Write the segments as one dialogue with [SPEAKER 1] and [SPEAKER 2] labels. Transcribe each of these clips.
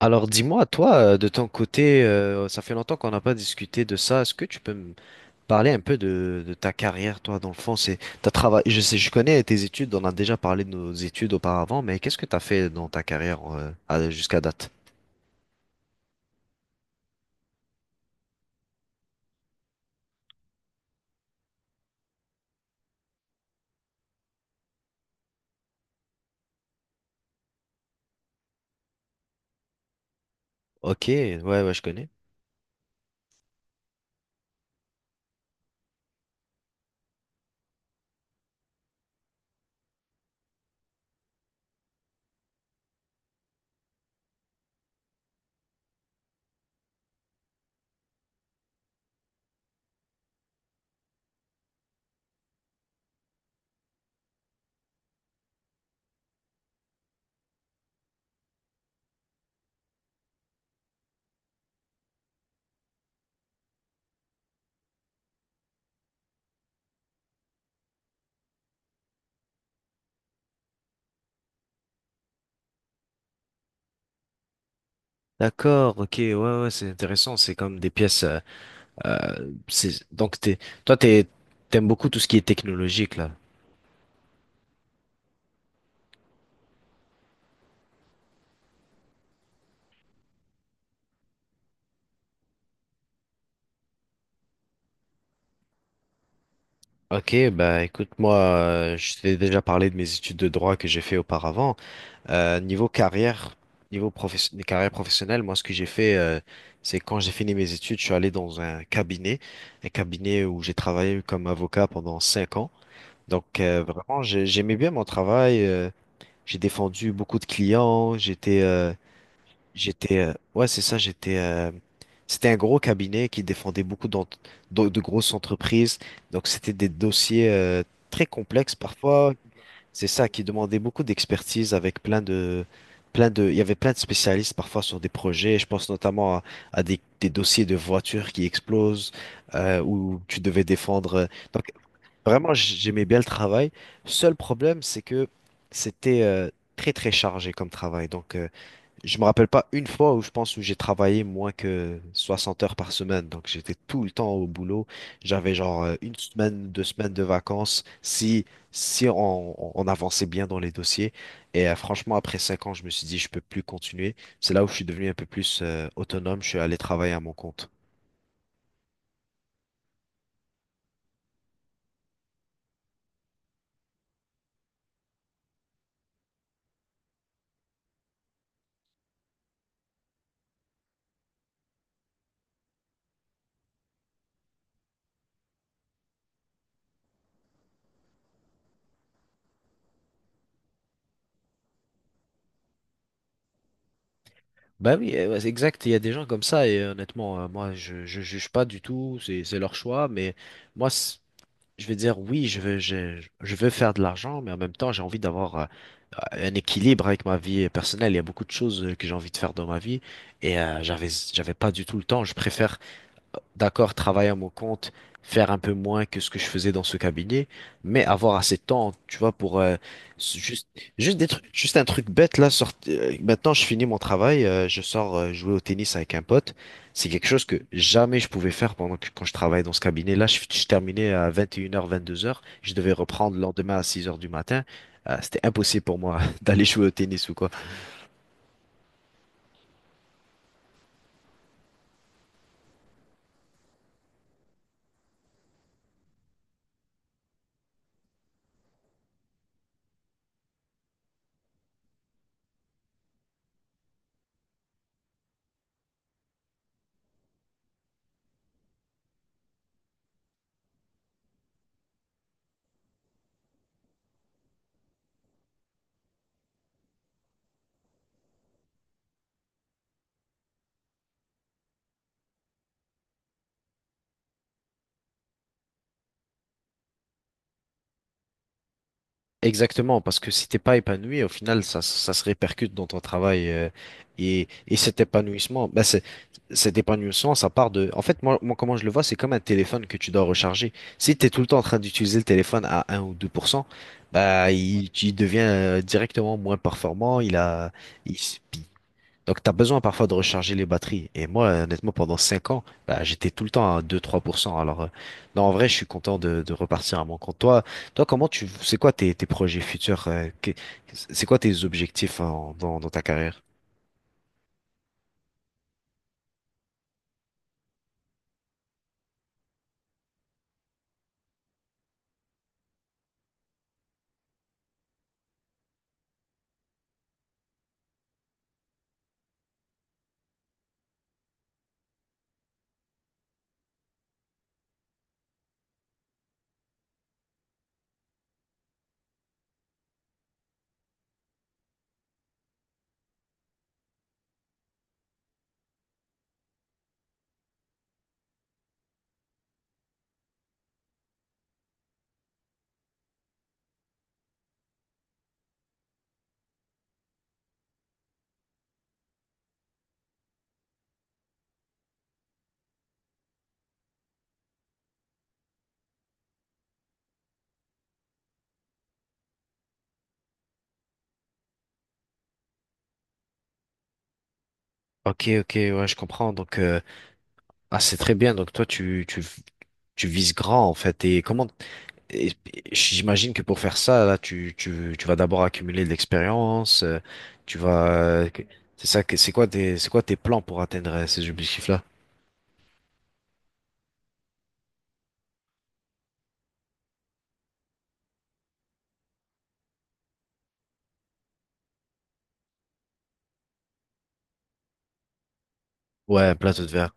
[SPEAKER 1] Alors dis-moi, toi, de ton côté, ça fait longtemps qu'on n'a pas discuté de ça. Est-ce que tu peux me parler un peu de ta carrière, toi, dans le fond, c'est t'as travaillé, je sais, je connais tes études, on a déjà parlé de nos études auparavant, mais qu'est-ce que tu as fait dans ta carrière jusqu'à date? Ok, ouais, ouais, je connais. D'accord, ok, ouais, ouais, c'est intéressant. C'est comme des pièces. C'est donc t'es, toi, t'es, T'aimes beaucoup tout ce qui est technologique là. Ok, bah écoute, moi, je t'ai déjà parlé de mes études de droit que j'ai fait auparavant. Niveau carrière, niveau carrière professionnelle, moi, ce que j'ai fait, c'est quand j'ai fini mes études, je suis allé dans un cabinet où j'ai travaillé comme avocat pendant 5 ans. Donc, vraiment, j'aimais bien mon travail. J'ai défendu beaucoup de clients. Ouais, c'est ça, j'étais. C'était un gros cabinet qui défendait beaucoup de grosses entreprises. Donc, c'était des dossiers, très complexes parfois. C'est ça qui demandait beaucoup d'expertise, avec plein de, il y avait plein de spécialistes parfois sur des projets. Je pense notamment à des dossiers de voitures qui explosent, où tu devais défendre. Donc vraiment, j'aimais bien le travail. Seul problème, c'est que c'était très très chargé comme travail. Donc je me rappelle pas une fois où je pense où j'ai travaillé moins que 60 heures par semaine. Donc j'étais tout le temps au boulot. J'avais genre une semaine, 2 semaines de vacances si on avançait bien dans les dossiers. Et franchement, après 5 ans, je me suis dit je peux plus continuer. C'est là où je suis devenu un peu plus autonome. Je suis allé travailler à mon compte. Bah oui, ouais, c'est exact, il y a des gens comme ça et honnêtement, moi je juge pas du tout, c'est leur choix, mais moi c- je veux dire, oui, je veux faire de l'argent, mais en même temps, j'ai envie d'avoir euh, un équilibre avec ma vie personnelle. Il y a beaucoup de choses que j'ai envie de faire dans ma vie et j'avais pas du tout le temps. Je préfère d'accord, travailler à mon compte, faire un peu moins que ce que je faisais dans ce cabinet, mais avoir assez de temps, tu vois, pour s- juste, juste des trucs, juste un truc bête là. Maintenant, je finis mon travail, je sors jouer au tennis avec un pote. C'est quelque chose que jamais je pouvais faire pendant que quand je travaillais dans ce cabinet. Là, je terminais à 21h, 22h. Je devais reprendre le lendemain à 6h du matin. C'était impossible pour moi d'aller jouer au tennis ou quoi. Exactement, parce que si t'es pas épanoui, au final, ça se répercute dans ton travail, et cet épanouissement, bah cet épanouissement, ça part de. En fait, moi, comment je le vois, c'est comme un téléphone que tu dois recharger. Si t'es tout le temps en train d'utiliser le téléphone à un ou 2%, bah il devient directement moins performant. Il a, il, s- Donc, tu as besoin parfois de recharger les batteries. Et moi, honnêtement, pendant 5 ans, bah, j'étais tout le temps à deux, trois pour cent. Alors, non, en vrai, je suis content de repartir à mon compte. Toi, c'est quoi tes projets futurs? C'est quoi tes objectifs dans ta carrière? Ok, ok, ouais, je comprends. Donc, c'est très bien. Donc, toi, tu vises grand, en fait. Et j'imagine que pour faire ça, là, tu vas d'abord accumuler de l'expérience, tu vas, que- c'est ça que, c'est quoi tes plans pour atteindre ces objectifs-là? Ouais, un plateau de verre.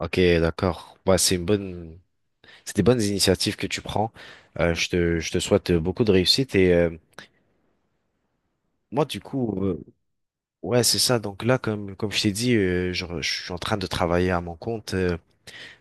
[SPEAKER 1] Ok, d'accord. Ouais, c'est des bonnes initiatives que tu prends. Je te souhaite beaucoup de réussite, et moi, du coup, ouais, c'est ça. Donc là, comme je t'ai dit, je suis en train de travailler à mon compte.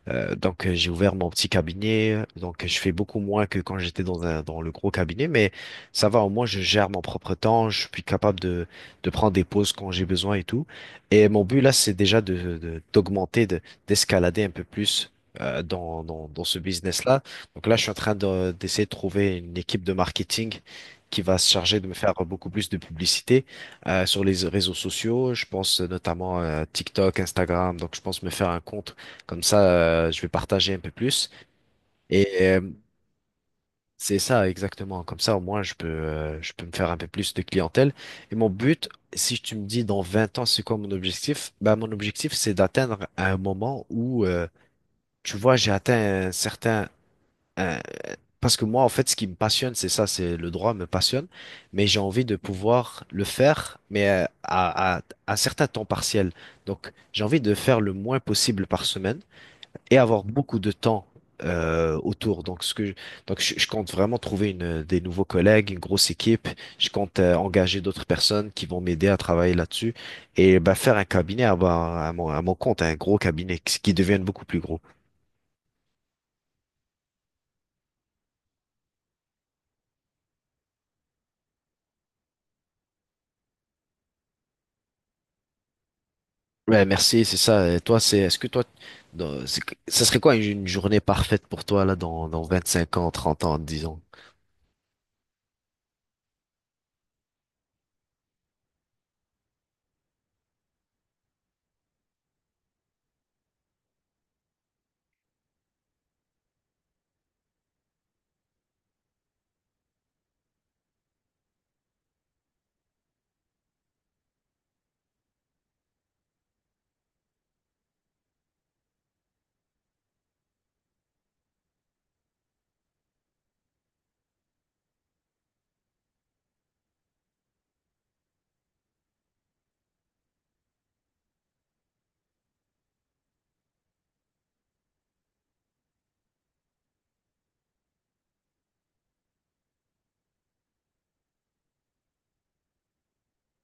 [SPEAKER 1] Donc j'ai ouvert mon petit cabinet, donc je fais beaucoup moins que quand j'étais dans le gros cabinet, mais ça va, au moins je gère mon propre temps, je suis capable de prendre des pauses quand j'ai besoin et tout. Et mon but là, c'est déjà d'augmenter, d'escalader un peu plus dans ce business-là. Donc là, je suis en train d'essayer de trouver une équipe de marketing qui va se charger de me faire beaucoup plus de publicité sur les réseaux sociaux. Je pense notamment à TikTok, Instagram, donc je pense me faire un compte comme ça, je vais partager un peu plus. Et c'est ça exactement. Comme ça, au moins, je peux me faire un peu plus de clientèle. Et mon but, si tu me dis dans 20 ans, c'est quoi mon objectif? Ben, mon objectif, c'est d'atteindre un moment où, tu vois, j'ai atteint un certain. un- Parce que moi, en fait, ce qui me passionne, c'est ça, c'est le droit me passionne, mais j'ai envie de pouvoir le faire, mais à un certain temps partiel. Donc, j'ai envie de faire le moins possible par semaine et avoir beaucoup de temps autour. Donc, je compte vraiment trouver des nouveaux collègues, une grosse équipe. Je compte engager d'autres personnes qui vont m'aider à travailler là-dessus et bah, faire un cabinet à mon compte, un gros cabinet qui devienne beaucoup plus gros. Ouais, merci, c'est ça. Et toi, est-ce que toi, dans- c'est- ça serait quoi une journée parfaite pour toi là dans 25 ans, 30 ans, disons?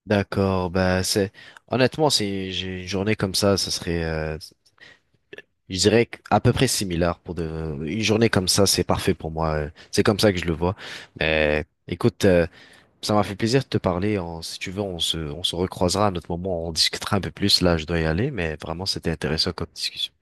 [SPEAKER 1] D'accord, bah c'est honnêtement c'est j'ai une journée comme ça serait je dirais à peu près similaire pour de une journée comme ça, c'est parfait pour moi. C'est comme ça que je le vois. Mais écoute, ça m'a fait plaisir de te parler. Si tu veux, on se recroisera à notre moment, on discutera un peu plus. Là, je dois y aller, mais vraiment c'était intéressant comme discussion.